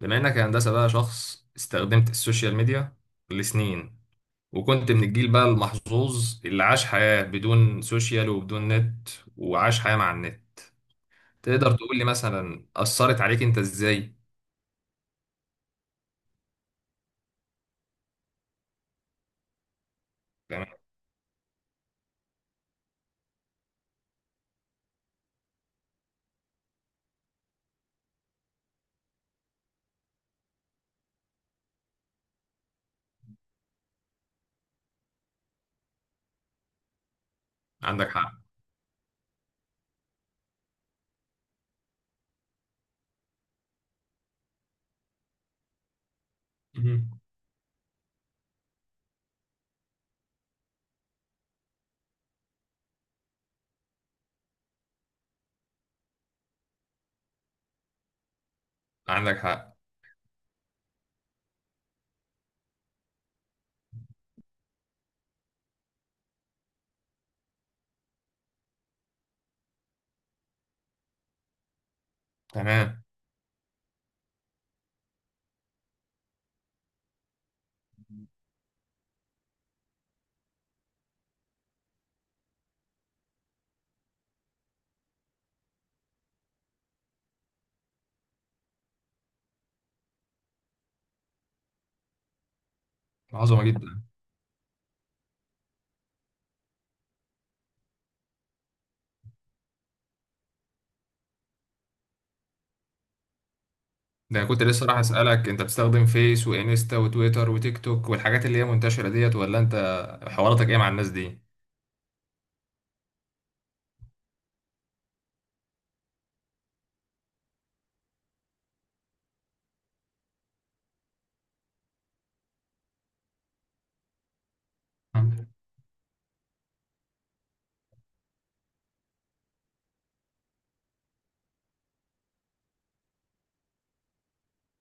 بما انك يا هندسه بقى شخص استخدمت السوشيال ميديا لسنين، وكنت من الجيل بقى المحظوظ اللي عاش حياه بدون سوشيال وبدون نت، وعاش حياه مع النت. تقدر تقول لي مثلا اثرت عليك انت ازاي؟ تمام. عندك حق. مهم. عندك حق. تمام. عظمه جدا. ده انا كنت لسه راح اسالك، انت بتستخدم فيس وانستا وتويتر وتيك توك والحاجات اللي هي منتشره ديت ولا انت؟ حواراتك ايه مع الناس دي؟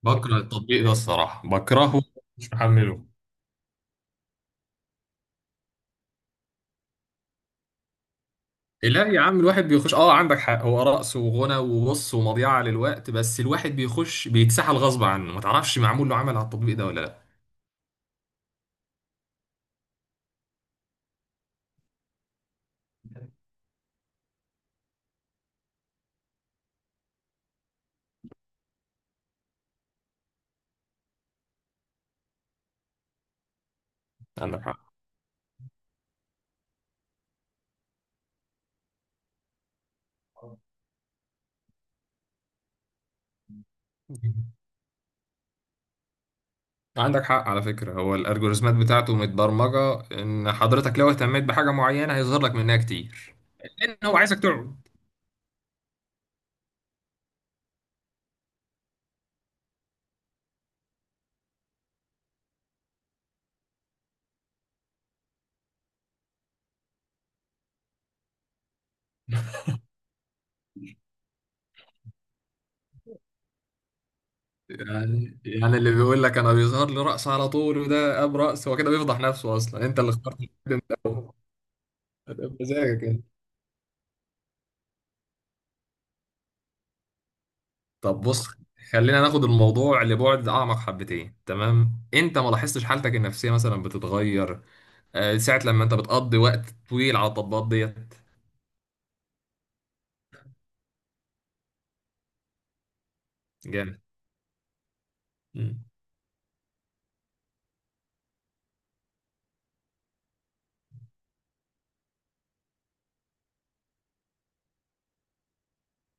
بكره التطبيق ده الصراحه، بكرهه، مش محمله. لا يا عم الواحد بيخش، اه عندك حق، هو رقص وغنى وبص ومضيعة للوقت، بس الواحد بيخش بيتسحل غصب عنه. ما تعرفش معمول له عمل على التطبيق ده ولا لا؟ عندك حق. عندك حق، على فكرة هو الالجوريزمات بتاعته متبرمجة ان حضرتك لو اهتميت بحاجة معينة هيظهر لك منها كتير، لان هو عايزك تقعد. يعني اللي بيقول لك انا بيظهر لي رقص على طول وده اب رقص، هو كده بيفضح نفسه، اصلا انت اللي اخترت في الأول. بمزاجك. طب بص، خلينا ناخد الموضوع لبعد اعمق حبتين. تمام، انت ما لاحظتش حالتك النفسيه مثلا بتتغير ساعه لما انت بتقضي وقت طويل على التطبيقات ديت؟ جامد. مم.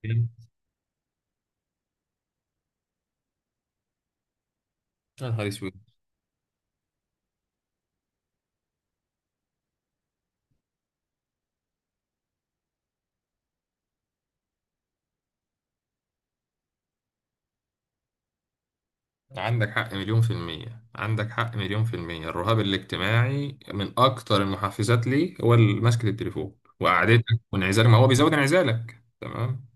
جامد. يا نهار اسود. عندك حق مليون في المية، عندك حق مليون في المية. الرهاب الاجتماعي من أكتر المحفزات لي، هو ماسكة التليفون وقعدتك وانعزالك، ما هو بيزود انعزالك. تمام،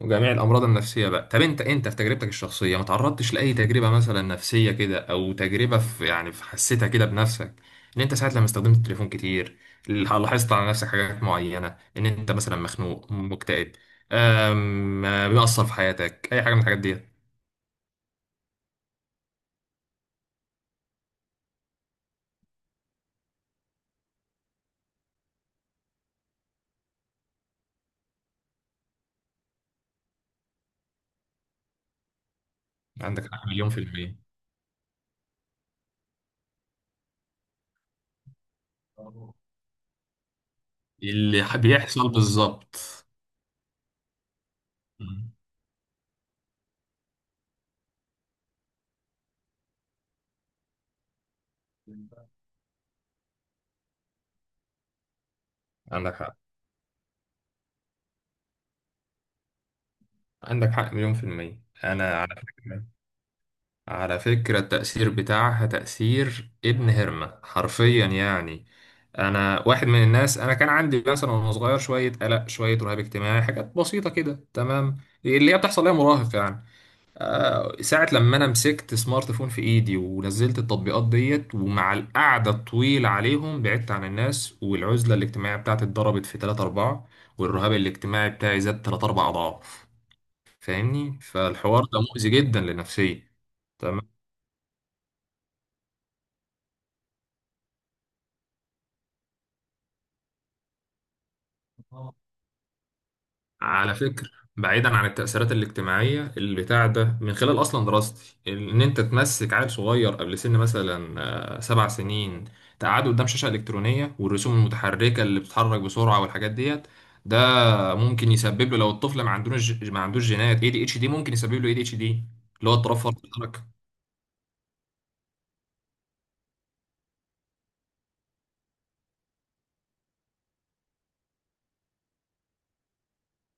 وجميع الامراض النفسيه بقى. طب انت، في تجربتك الشخصيه ما تعرضتش لاي تجربه مثلا نفسيه كده، او تجربه في، يعني في حسيتها كده بنفسك، ان انت ساعه لما استخدمت التليفون كتير لاحظت على نفسك حاجات معينه، ان انت مثلا مخنوق مكتئب؟ أم... بيأثر في حياتك اي حاجه من الحاجات دي؟ عندك حق مليون في المية. بيحصل بالظبط. مم. عندك حق. عندك حق مليون في المية. أنا على فكرة، على فكرة التأثير بتاعها تأثير ابن هرمة حرفيا يعني. أنا واحد من الناس، أنا كان عندي مثلا وأنا صغير شوية قلق، شوية رهاب اجتماعي، حاجات بسيطة كده، تمام، اللي هي بتحصل ليا مراهق يعني. ساعة لما أنا مسكت سمارت فون في إيدي ونزلت التطبيقات ديت، ومع القعدة الطويلة عليهم بعدت عن الناس، والعزلة الاجتماعية بتاعتي اتضربت في 3 4، والرهاب الاجتماعي بتاعي زاد 3 4 أضعاف. فاهمني؟ فالحوار ده مؤذي جدا لنفسيتي. تمام. على فكرة، بعيدا عن التأثيرات الاجتماعية البتاع ده، من خلال أصلا دراستي، إن أنت تمسك عيل صغير قبل سن مثلا 7 سنين، تقعده قدام شاشة إلكترونية، والرسوم المتحركة اللي بتتحرك بسرعة والحاجات ديت، ده ممكن يسبب له، لو الطفل ما عندوش جينات اي دي اتش دي، ممكن يسبب له اي دي اتش دي، اللي هو اضطراب فرط الحركة.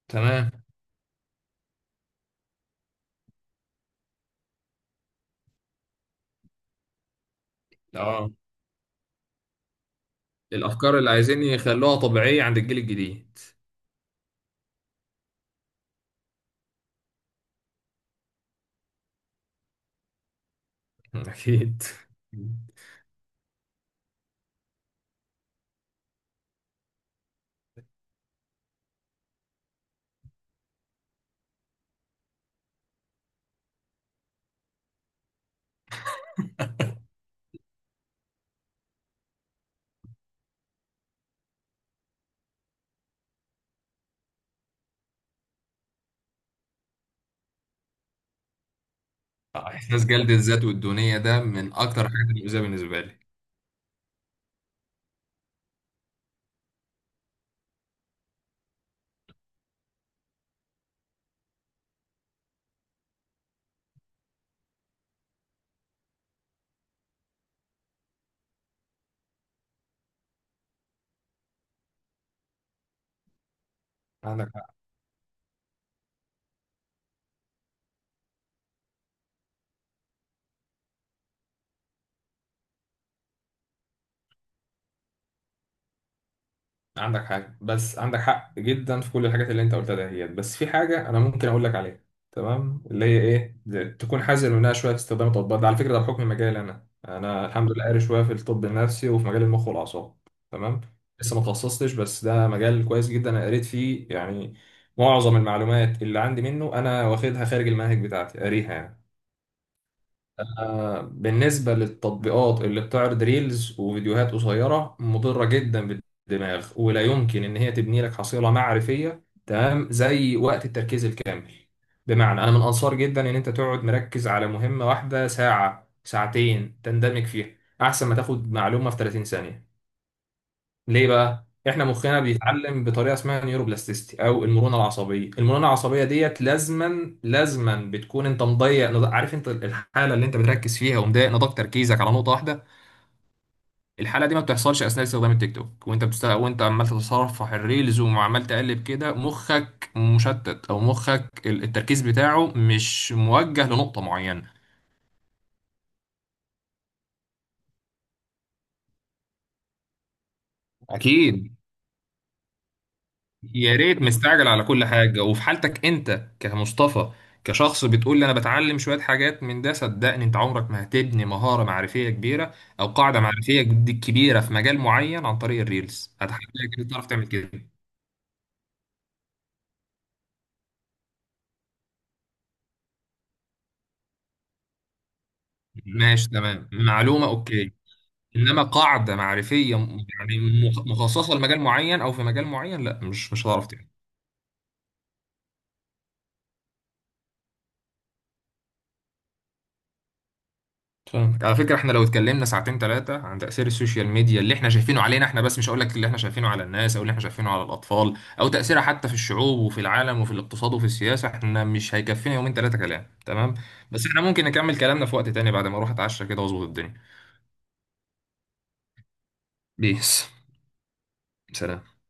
تمام. اه، الأفكار اللي عايزين يخلوها طبيعية عند الجيل الجديد. أكيد. احساس جلد الذات والدونيه ده من اكتر الحاجات المؤذيه بالنسبه لي. عندك حق. عندك حاجة، بس عندك حق جدا في كل الحاجات اللي انت قلتها دهيت، بس في حاجة انا ممكن اقول لك عليها، تمام؟ اللي هي تكون حذر منها شوية في استخدام التطبيقات ده. على فكرة، ده بحكم مجالي انا، انا الحمد لله قاري شوية في الطب النفسي وفي مجال المخ والاعصاب. تمام. لسه ما تخصصتش، بس ده مجال كويس جدا انا قريت فيه يعني. معظم المعلومات اللي عندي منه انا واخدها خارج المنهج بتاعتي، قاريها يعني. بالنسبة للتطبيقات اللي بتعرض ريلز وفيديوهات قصيرة، مضرة جدا بالدماغ، ولا يمكن إن هي تبني لك حصيلة معرفية تمام زي وقت التركيز الكامل. بمعنى، أنا من أنصار جدا إن أنت تقعد مركز على مهمة واحدة ساعة ساعتين تندمج فيها، أحسن ما تاخد معلومة في 30 ثانية. ليه بقى؟ احنا مخنا بيتعلم بطريقه اسمها نيوروبلاستيستي او المرونه العصبيه. المرونه العصبيه ديت لازما بتكون انت مضيق عارف، انت الحاله اللي انت بتركز فيها ومضايق نضاق تركيزك على نقطه واحده. الحاله دي ما بتحصلش اثناء استخدام التيك توك، وانت عمال تتصفح الريلز وعمال تقلب كده، مخك مشتت، او مخك التركيز بتاعه مش موجه لنقطه معينه. أكيد. يا ريت مستعجل على كل حاجة. وفي حالتك انت كمصطفى، كشخص بتقول لي انا بتعلم شوية حاجات من ده، صدقني انت عمرك ما هتبني مهارة معرفية كبيرة، او قاعدة معرفية كبيرة في مجال معين عن طريق الريلز. هتحتاج انت تعرف تعمل كده. ماشي، تمام، معلومة، اوكي. انما قاعدة معرفية يعني مخصصة لمجال معين، او في مجال معين، لا مش هتعرف. فاهمك. على فكرة، احنا لو اتكلمنا ساعتين ثلاثة عن تأثير السوشيال ميديا اللي احنا شايفينه علينا احنا بس، مش هقول لك اللي احنا شايفينه على الناس، او اللي احنا شايفينه على الأطفال، او تأثيرها حتى في الشعوب وفي العالم وفي الاقتصاد وفي السياسة، احنا مش هيكفينا يومين ثلاثة كلام، تمام؟ بس احنا ممكن نكمل كلامنا في وقت تاني بعد ما اروح اتعشى كده واظبط الدنيا. بيس. سلام.